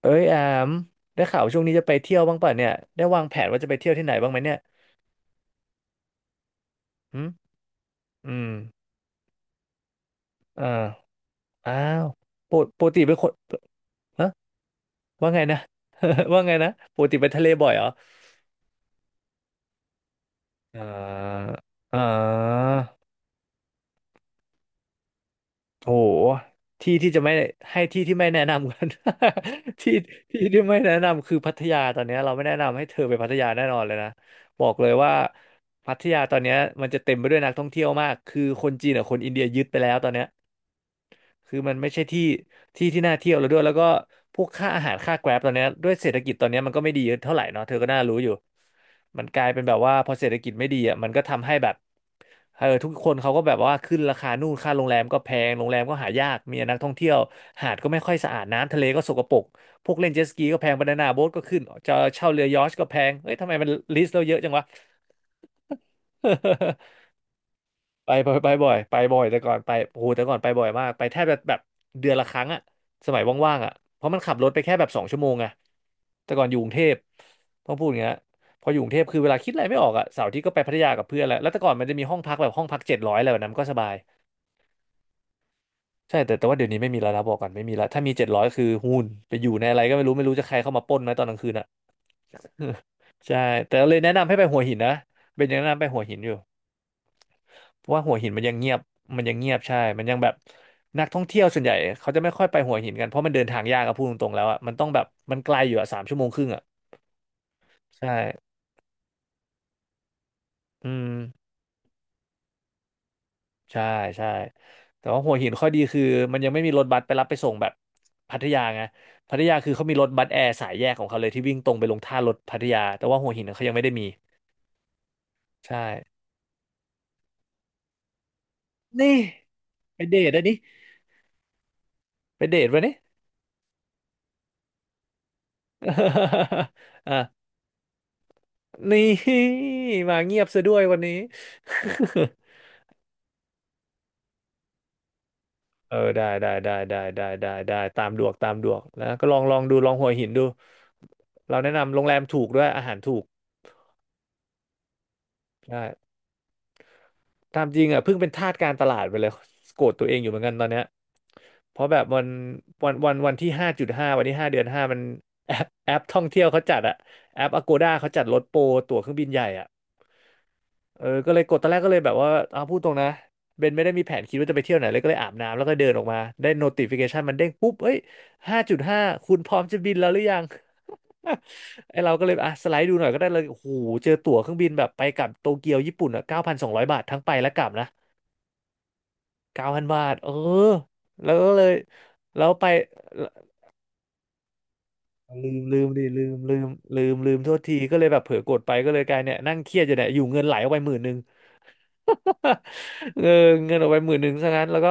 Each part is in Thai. เอ้ยแอมได้ข่าวช่วงนี้จะไปเที่ยวบ้างป่ะเนี่ยได้วางแผนว่าจะไปเที่ยวที่ไหนบ้างไหมเนี่ยหืมอืมอ่าอ้าวปกติเป็นคนฮะว่าไงนะ ว่าไงนะปกติไปทะเลบ่อยเหรออ่าอ่าโหที่ที่จะไม่ให้ที่ที่ไม่แนะนำกัน ที่ที่ไม่แนะนำคือพัทยาตอนเนี้ยเราไม่แนะนำให้เธอไปพัทยาแน่นอนเลยนะบอกเลยว่าพัทยาตอนเนี้ยมันจะเต็มไปด้วยนักท่องเที่ยวมากคือคนจีนกับคนอินเดียยึดไปแล้วตอนเนี้ย คือมันไม่ใช่ที่ที่ที่น่าเที่ยวแล้วด้วยแล้วก็พวกค่าอาหารค่าแกร็บตอนเนี้ยด้วยเศรษฐกิจตอนเนี้ยมันก็ไม่ดีเท่าไหร่เนาะเธอก็น่ารู้อยู่มันกลายเป็นแบบว่าพอเศรษฐกิจไม่ดีอ่ะมันก็ทำให้แบบเออทุกคนเขาก็แบบว่าขึ้นราคานู่นค่าโรงแรมก็แพงโรงแรมก็หายากมีนักท่องเที่ยวหาดก็ไม่ค่อยสะอาดน้ำทะเลก็สกปรกพวกเล่นเจ็ตสกีก็แพงบานาน่าโบ๊ทก็ขึ้นจะเช่าเรือยอชต์ก็แพงเอ้ยทำไมมันลิสต์เราเยอะจังวะ ไปบ่อยไปบ่อยไปบ่อยแต่ก่อนไปโอ้โหแต่ก่อนไปบ่อยมากไปแทบจะแบบเดือนละครั้งอะสมัยว่างๆอะเพราะมันขับรถไปแค่แบบ2 ชั่วโมงไงแต่ก่อนอยู่กรุงเทพต้องพูดอย่างเงี้ยพออยู่กรุงเทพคือเวลาคิดอะไรไม่ออกอะเสาร์อาที่ก็ไปพัทยากับเพื่อนแหละแล้วแต่ก่อนมันจะมีห้องพักแบบห้องพักเจ็ดร้อยอะไรแบบนั้นก็สบายใช่แต่ว่าเดี๋ยวนี้ไม่มีแล้วนะบอกก่อนไม่มีแล้วถ้ามีเจ็ดร้อยคือหุ้นไปอยู่ในอะไรก็ไม่รู้ไม่รู้จะใครเข้ามาปล้นไหมตอนกลางคืนอะ ใช่แต่เลยแนะนำให้ไปหัวหินนะเป็นยังแนะนำไปหัวหินอยู่ เพราะว่าหัวหินมันยังเงียบมันยังเงียบใช่มันยังแบบนักท่องเที่ยวส่วนใหญ่เขาจะไม่ค่อยไปหัวหินกันเพราะมันเดินทางยากอะพูดตรงๆแล้วอะมันต้องแบบมันไกลอยู่อะ3 ชั่วโมงครึ่งอะใช่อืมใช่ใช่แต่ว่าหัวหินข้อดีคือมันยังไม่มีรถบัสไปรับไปส่งแบบพัทยาไงพัทยาคือเขามีรถบัสแอร์สายแยกของเขาเลยที่วิ่งตรงไปลงท่ารถพัทยาแต่ว่าหัวหินเขายังไม่ได้มีใช่นี่ไปเดทอันนี้ไปเดทวะนนี่ อ่ะนี่มาเงียบซะด้วยวันนี้ เออได้ได้ได้ได้ได้ได้ได้ตามดวกตามดวกแล้วก็ลองลองดูลองหัวหินดูเราแนะนำโรงแรมถูกด้วยอาหารถูกใช่ตามจริงอ่ะเพิ่งเป็นทาสการตลาดไปเลยโกรธตัวเองอยู่เหมือนกันตอนเนี้ยเพราะแบบวันวันที่ห้าจุดห้าวันที่ 5 เดือน 5มันแอปท่องเที่ยวเขาจัดอะแอปอ g กด้าเขาจัดลดโปรตั๋วเครื่องบินใหญ่อะ เออก็เลยกดตอนแรกก็เลยแบบว่าอ่าพูดตรงนะเบนไม่ได้มีแผนคิดว่าจะไปเที่ยวไหนเลยก็เลยอาบน้ำแล้วก็เดินออกมา ได้ notification มันเด้งปุ๊บเอ้ย5.5คุณพร้อมจะบินแล้วหรือยัง ไอเราก็เลยอ่ะสไลด์ดูหน่อยก็ได้เลยโอ้โหเจอตั๋วเครื่องบินแบบไปกลับโตเกียวญี่ปุ่นอ่ะเก้าพันสองร้อยบาททั้งไปและกลับนะ9,000 บาทเออแล้วก็เลยแล้วไปลืมดิลืมลืมโทษทีก็เลยแบบเผลอกดไปก็เลยกลายเนี่ยนั่งเครียดอยู่เนี่ยอยู่เงินไหลออกไป10,000 เออเงินออกไป10,000ซะงั้นแล้วก็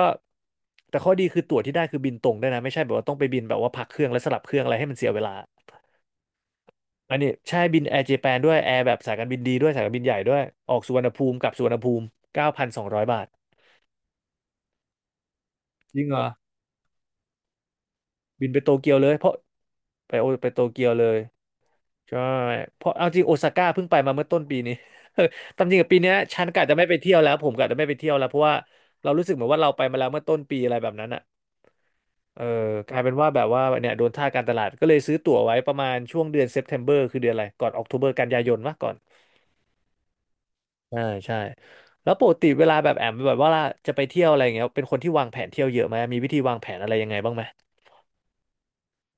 แต่ข้อดีคือตั๋วที่ได้คือบินตรงได้วยนะไม่ใช่แบบว่าต้องไปบินแบบว่าพักเครื่องและสลับเครื่องอะไรให้มันเสียเวลาอันนี้ใช่บินแอร์เจแปนด้วยแอร์แบบสายการบินดีด้วยสายการบินใหญ่ด้วยออกสุวรรณภูมิกลับสุวรรณภูมิเก้าพันสองร้อยบาทจริงเหรอบินไปโตเกียวเลยเพราะไปโตเกียวเลยใช่เพราะเอาจริงโอซาก้าเพิ่งไปมาเมื่อต้นปีนี้ ตามจริงกับปีเนี้ยฉันกะจะไม่ไปเที่ยวแล้วผมกะจะไม่ไปเที่ยวแล้วเพราะว่าเรารู้สึกเหมือนว่าเราไปมาแล้วเมื่อต้นปีอะไรแบบนั้นอะ เออกลายเป็นว่าแบบว่าเนี่ยโดนท่าการตลาดก็เลยซื้อตั๋วไว้ประมาณช่วงเดือนเซปเทมเบอร์คือเดือนอะไรก่อนออก o b เบอร์กันยายนมะก่อนใช่ใช่แล้วปกติเวลาแบบแอมแบบว่าจะไปเที่ยวอะไรอย่างเงี้ยเป็นคนที่วางแผนเที่ยวเยอะไหมมีวิธีวางแผนอะไรยังไงบ้างไหม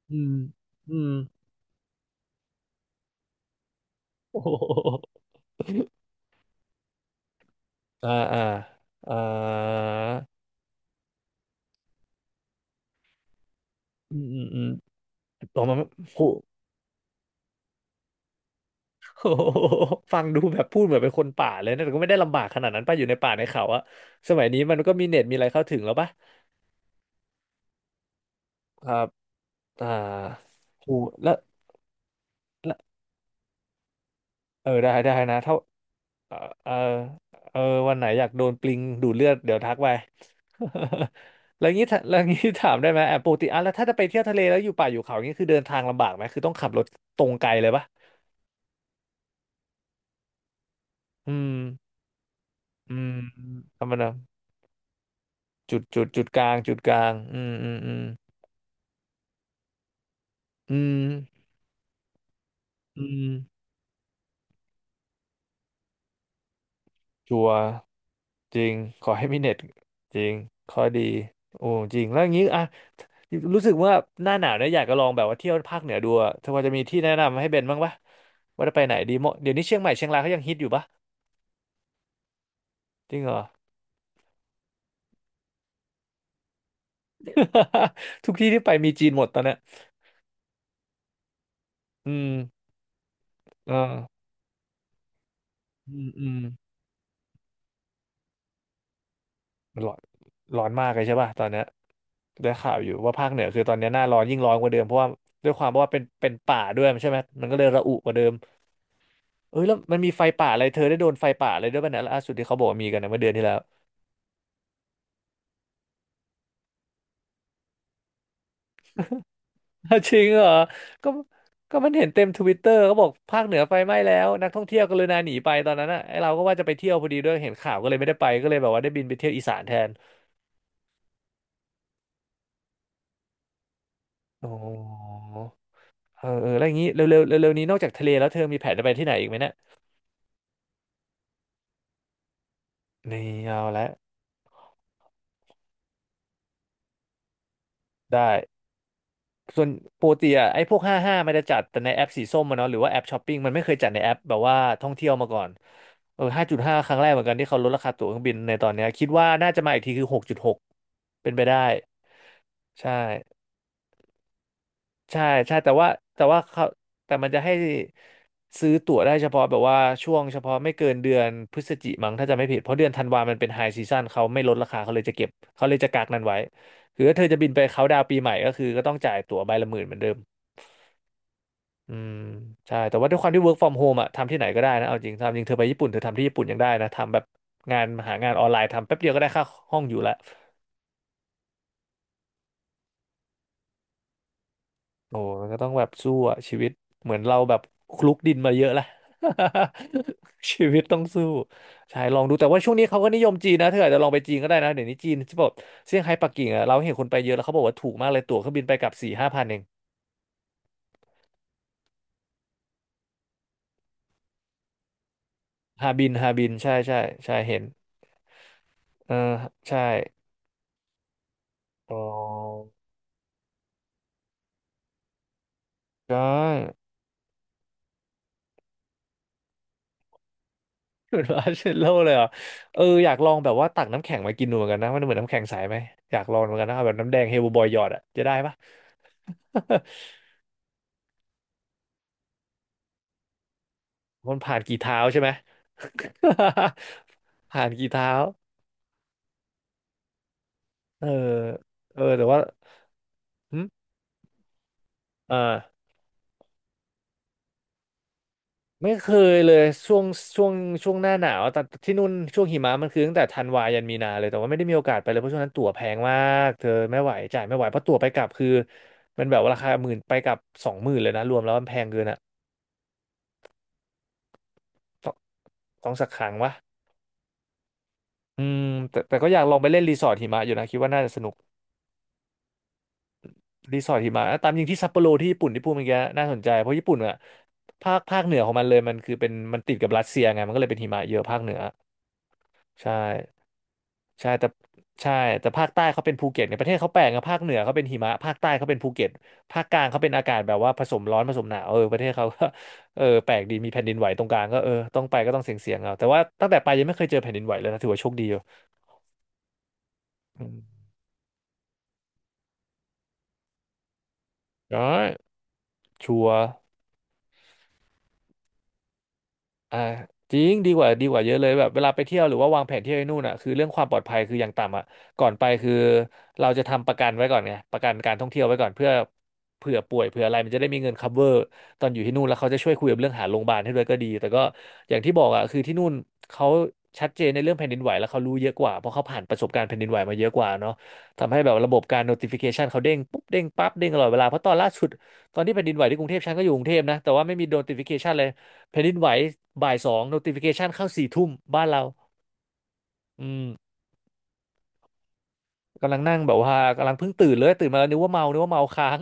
อืมอืมโอ้โหอ่าอ่าอ่าอืมอืมอืมออกมาโหโอ้โหฟังดูแบบพูดเหมือนเป็นคนป่าเลยนะแต่ก็ไม่ได้ลำบากขนาดนั้นป่ะอยู่ในป่าในเขาอะสมัยนี้มันก็มีเน็ตมีอะไรเข้าถึงแล้วป่ะครับ อ่าหูกแล้วเออได้ได้นะถ้าเออเออเออวันไหนอยากโดนปลิงดูดเลือดเดี๋ยวทักไป แล้วงี้ถ้าแล้วงี้ถามได้ไหมแอบปกติอ่ะแล้วถ้าจะไปเที่ยวทะเลแล้วอยู่ป่าอยู่เขาอย่างงี้คือเดินทางลำบากไหมคือต้องขับรถตรงไกลเลยปะอืมอืมธรรมดาจุดกลางอืมอืมอืมอืมอืมชัวร์จริงขอให้มีเน็ตจริงข้อดีโอ้จริงแล้วอย่างงี้อ่ะ รู้สึกว่าหน้าหนาวเนี่ยอยากจะลองแบบว่าเที่ยวภาคเหนือดูอะเธอพอจะมีที่แนะนำให้เบนบ้างปะ ว่าจะไปไหนดีเหมาะเดี๋ยวนี้เชียงใหม่เชียงรายเขายังฮิตอยู่ปะจริงเหรอ ทุกที่ที่ไปมีจีนหมดตอนเนี้ยอืมอ่าอืมอืมมันร้อนร้อนมากเลยใช่ปะตอนเนี้ยได้ข่าวอยู่ว่าภาคเหนือคือตอนเนี้ยหน้าร้อนยิ่งร้อนกว่าเดิมเพราะว่าด้วยความว่าเป็นป่าด้วยใช่ไหมมันก็เลยระอุกว่าเดิมเอ้ยแล้วมันมีไฟป่าอะไรเธอได้โดนไฟป่าอะไรด้วยป่ะเนี่ยล่าสุดที่เขาบอกว่ามีกันนะเมื่อเดือนที่แล้ว จริงเหรอก็ก็มันเห็นเต็มทวิตเตอร์เขาบอกภาคเหนือไฟไหม้แล้วนักท่องเที่ยวกรุณาหนีไปตอนนั้นอ่ะไอเราก็ว่าจะไปเที่ยวพอดีด้วยเห็นข่าวก็เลยไม่ได้ไปก็เลยแบบว่าได้บินไปเที่ยวอีสานแทนอ๋อเออเออแล้วอย่างนี้เร็วเร็วเร็วเร็วๆนี้นอกจากทะเลแล้วเธอมีแผนจะไปที่ไหนอีกไหมเนี่ยนี่เอาละได้ส่วนปกติอ่ะไอ้พวกห้าห้ามันจะจัดแต่ในแอปสีส้มมันเนาะหรือว่าแอปช้อปปิ้งมันไม่เคยจัดในแอปแบบว่าท่องเที่ยวมาก่อนเออห้าจุดห้าครั้งแรกเหมือนกันที่เขาลดราคาตั๋วเครื่องบินในตอนเนี้ยคิดว่าน่าจะมาอีกทีคือหกจุดหกเป็นไปได้ ใช่ใช่ใช่แต่ว่าเขามันจะให้ซื้อตั๋วได้เฉพาะแบบว่าช่วงเฉพาะไม่เกินเดือนพฤศจิมั้งถ้าจะไม่ผิดเพราะเดือนธันวามันเป็นไฮซีซั o นเขาไม่ลดราคาเขาเลยจะเก็บเขาเลยจะกักนั้นไว้คือถ้าเธอจะบินไปเขาน์ดาวน์ปีใหม่ก็คือก็ต้องจ่ายตั๋วใบละหมื่นเหมือนเดิมอืมใช่แต่ว่าด้วยความที่ work from home อะทำที่ไหนก็ได้นะเอาจริงทำจริงเธอไปญี่ปุ่นเธอทำที่ญี่ปุ่นยังได้นะทำแบบงานหางานออนไลน์ทำแป๊บเดียวก็ได้ค่าห้องอยู่ละ โอ้มันก็ต้องแบบสู้อะชีวิตเหมือนเราแบบคลุกดินมาเยอะละ ชีวิตต้องสู้ใช่ลองดูแต่ว่าช่วงนี้เขาก็นิยมจีนนะเธออาจจะลองไปจีนก็ได้นะเดี๋ยวนี้จีนที่บอกเซี่ยงไฮ้ปักกิ่งอะเราเห็นคนไปเยอะแล้วเขาบอกว่าถูกมากเลยตั๋วเครื่องบินไปกลับสี่ห้าพันเองฮาบินใช่ใช่ใช่เห็นเออใช่อ๋อใช่เป็นว่าร์เชลโลเลยเหรอเอออยากลองแบบว่าตักน้ำแข็งมากินดูเหมือนกันนะมันเหมือนน้ำแข็งใสไหมอยากลองเหมือนกันนะเอาแบบน้ำแดงเฮลบอยหยอดอะจะได้ปะ มันผ่านกี่เท้าใช่ไหม ผ่านกี่เท้าเออเออแต่ว่าหึเอาไม่เคยเลยช่วงช่วงหน้าหนาวแต่ที่นู่นช่วงหิมะมันคือตั้งแต่ธันวายันมีนาเลยแต่ว่าไม่ได้มีโอกาสไปเลยเพราะช่วงนั้นตั๋วแพงมากเธอไม่ไหวจ่ายไม่ไหวเพราะตั๋วไปกลับคือมันแบบราคาหมื่นไปกลับสองหมื่นเลยนะรวมแล้วมันแพงเกินอ่ะต้องต้องสักครั้งวะอืมแต่แต่ก็อยากลองไปเล่นรีสอร์ทหิมะอยู่นะคิดว่าน่าจะสนุก รีสอร์ทหิมะตามจริงที่ซัปโปโรที่ญี่ปุ่นที่พูดเมื่อกี้น่าสนใจเพราะญี่ปุ่นอะภาคเหนือของมันเลยมันคือเป็นมันติดกับรัสเซียไงมันก็เลยเป็นหิมะเยอะภาคเหนือใช่ใช่แต่ใช่แต่ภาคใต้เขาเป็นภูเก็ตเนี่ยประเทศเขาแปลกนะภาคเหนือเขาเป็นหิมะภาคใต้เขาเป็นภูเก็ตภาคกลางเขาเป็นอากาศแบบว่าผสมร้อนผสมหนาวเออประเทศเขาก็ เออแปลกดีมีแผ่นดินไหวตรงกลางก็เออต้องไปก็ต้องเสี่ยงๆเอาแต่ว่าตั้งแต่ไปยังไม่เคยเจอแผ่นดินไหวเลยนะถือว่าโชคดีอยู่อืมได้ชัวร์ อ่าจริงดีกว่าดีกว่าเยอะเลยแบบเวลาไปเที่ยวหรือว่าวางแผนเที่ยวไอ้นู่นอ่ะคือเรื่องความปลอดภัยคืออย่างต่ำอ่ะก่อนไปคือเราจะทำประกันไว้ก่อนไงประกันการท่องเที่ยวไว้ก่อนเพื่อเผื่อป่วยเผื่ออะไรมันจะได้มีเงิน cover ตอนอยู่ที่นู่นแล้วเขาจะช่วยคุยกับเรื่องหาโรงพยาบาลให้ด้วยก็ดีแต่ก็อย่างที่บอกอ่ะคือที่นู่นเขาชัดเจนในเรื่องแผ่นดินไหวแล้วเขารู้เยอะกว่าเพราะเขาผ่านประสบการณ์แผ่นดินไหวมาเยอะกว่าเนาะทำให้แบบระบบการ notification เขาเด้งปุ๊บเด้งปั๊บเด้งตลอดเวลาเพราะตอนล่าสุดตอนที่แผ่นดินไหวที่กรุงเทพฉันก็อยู่กรุงเทพนะแต่ว่าไม่มี notification เลย แผ่นดินไหวบ่ายสอง notification เข้าสี่ทุ่มบ้านเราอืมกำลังนั่งแบบว่ากำลังเพิ่งตื่นเลยตื่นมาแล้วนึกว่าเมานึกว่าเมาค้าง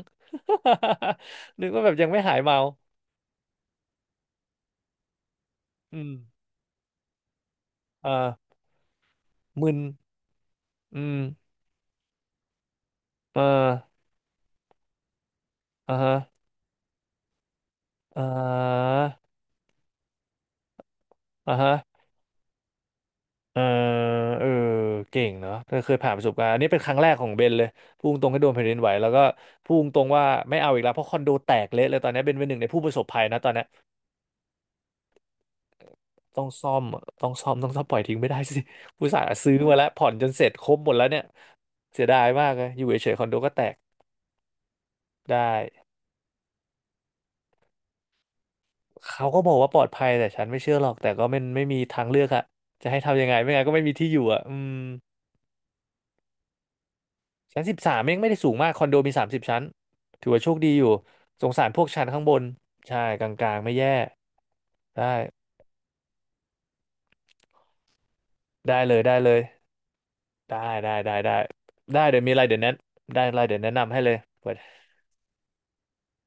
นึกว่าแบบยังไม่หายเมาอืมอ่ามึนอืมเอออ่าฮะอ่าอ่าฮะเออเออเก่งเนาะเธอเคยผ่านประสบการณ์อันนี้เป็นครั้งแรกของเบนเลยพูดตรงให้โดนแผ่นดินไหวแล้วก็พูดตรงว่าไม่เอาอีกแล้วเพราะคอนโดแตกเละเลยตอนนี้เบนเป็นหนึ่งในผู้ประสบภัยนะตอนนี้ ต้องซ่อมอะต้องซ่อมปล่อยทิ้งไม่ได้สิ ผู้สาห์ซื้อมาแล้วผ่อนจนเสร็จครบหมดแล้วเนี่ยเสียดายมากเลยอยู่เฉยๆคอนโดก็แตกได้ เขาก็บอกว่าปลอดภัยแต่ฉันไม่เชื่อหรอก แต่ก็ไม่มีทางเลือกอะจะให้ทำยังไงไม่งั้นก็ไม่มีที่อยู่อะอืมชั้น13เองไม่ได้สูงมากคอนโดมี30ชั้นถือว่าโชคดีอยู่สงสารพวกชั้นข้างบน ใช่กลางๆไม่แย่ได้ได้เลยได้ได้ได้เดี๋ยวมีอะไรเดี๋ยวแนะได้อะไรเดี๋ยวแนะนำให้เลย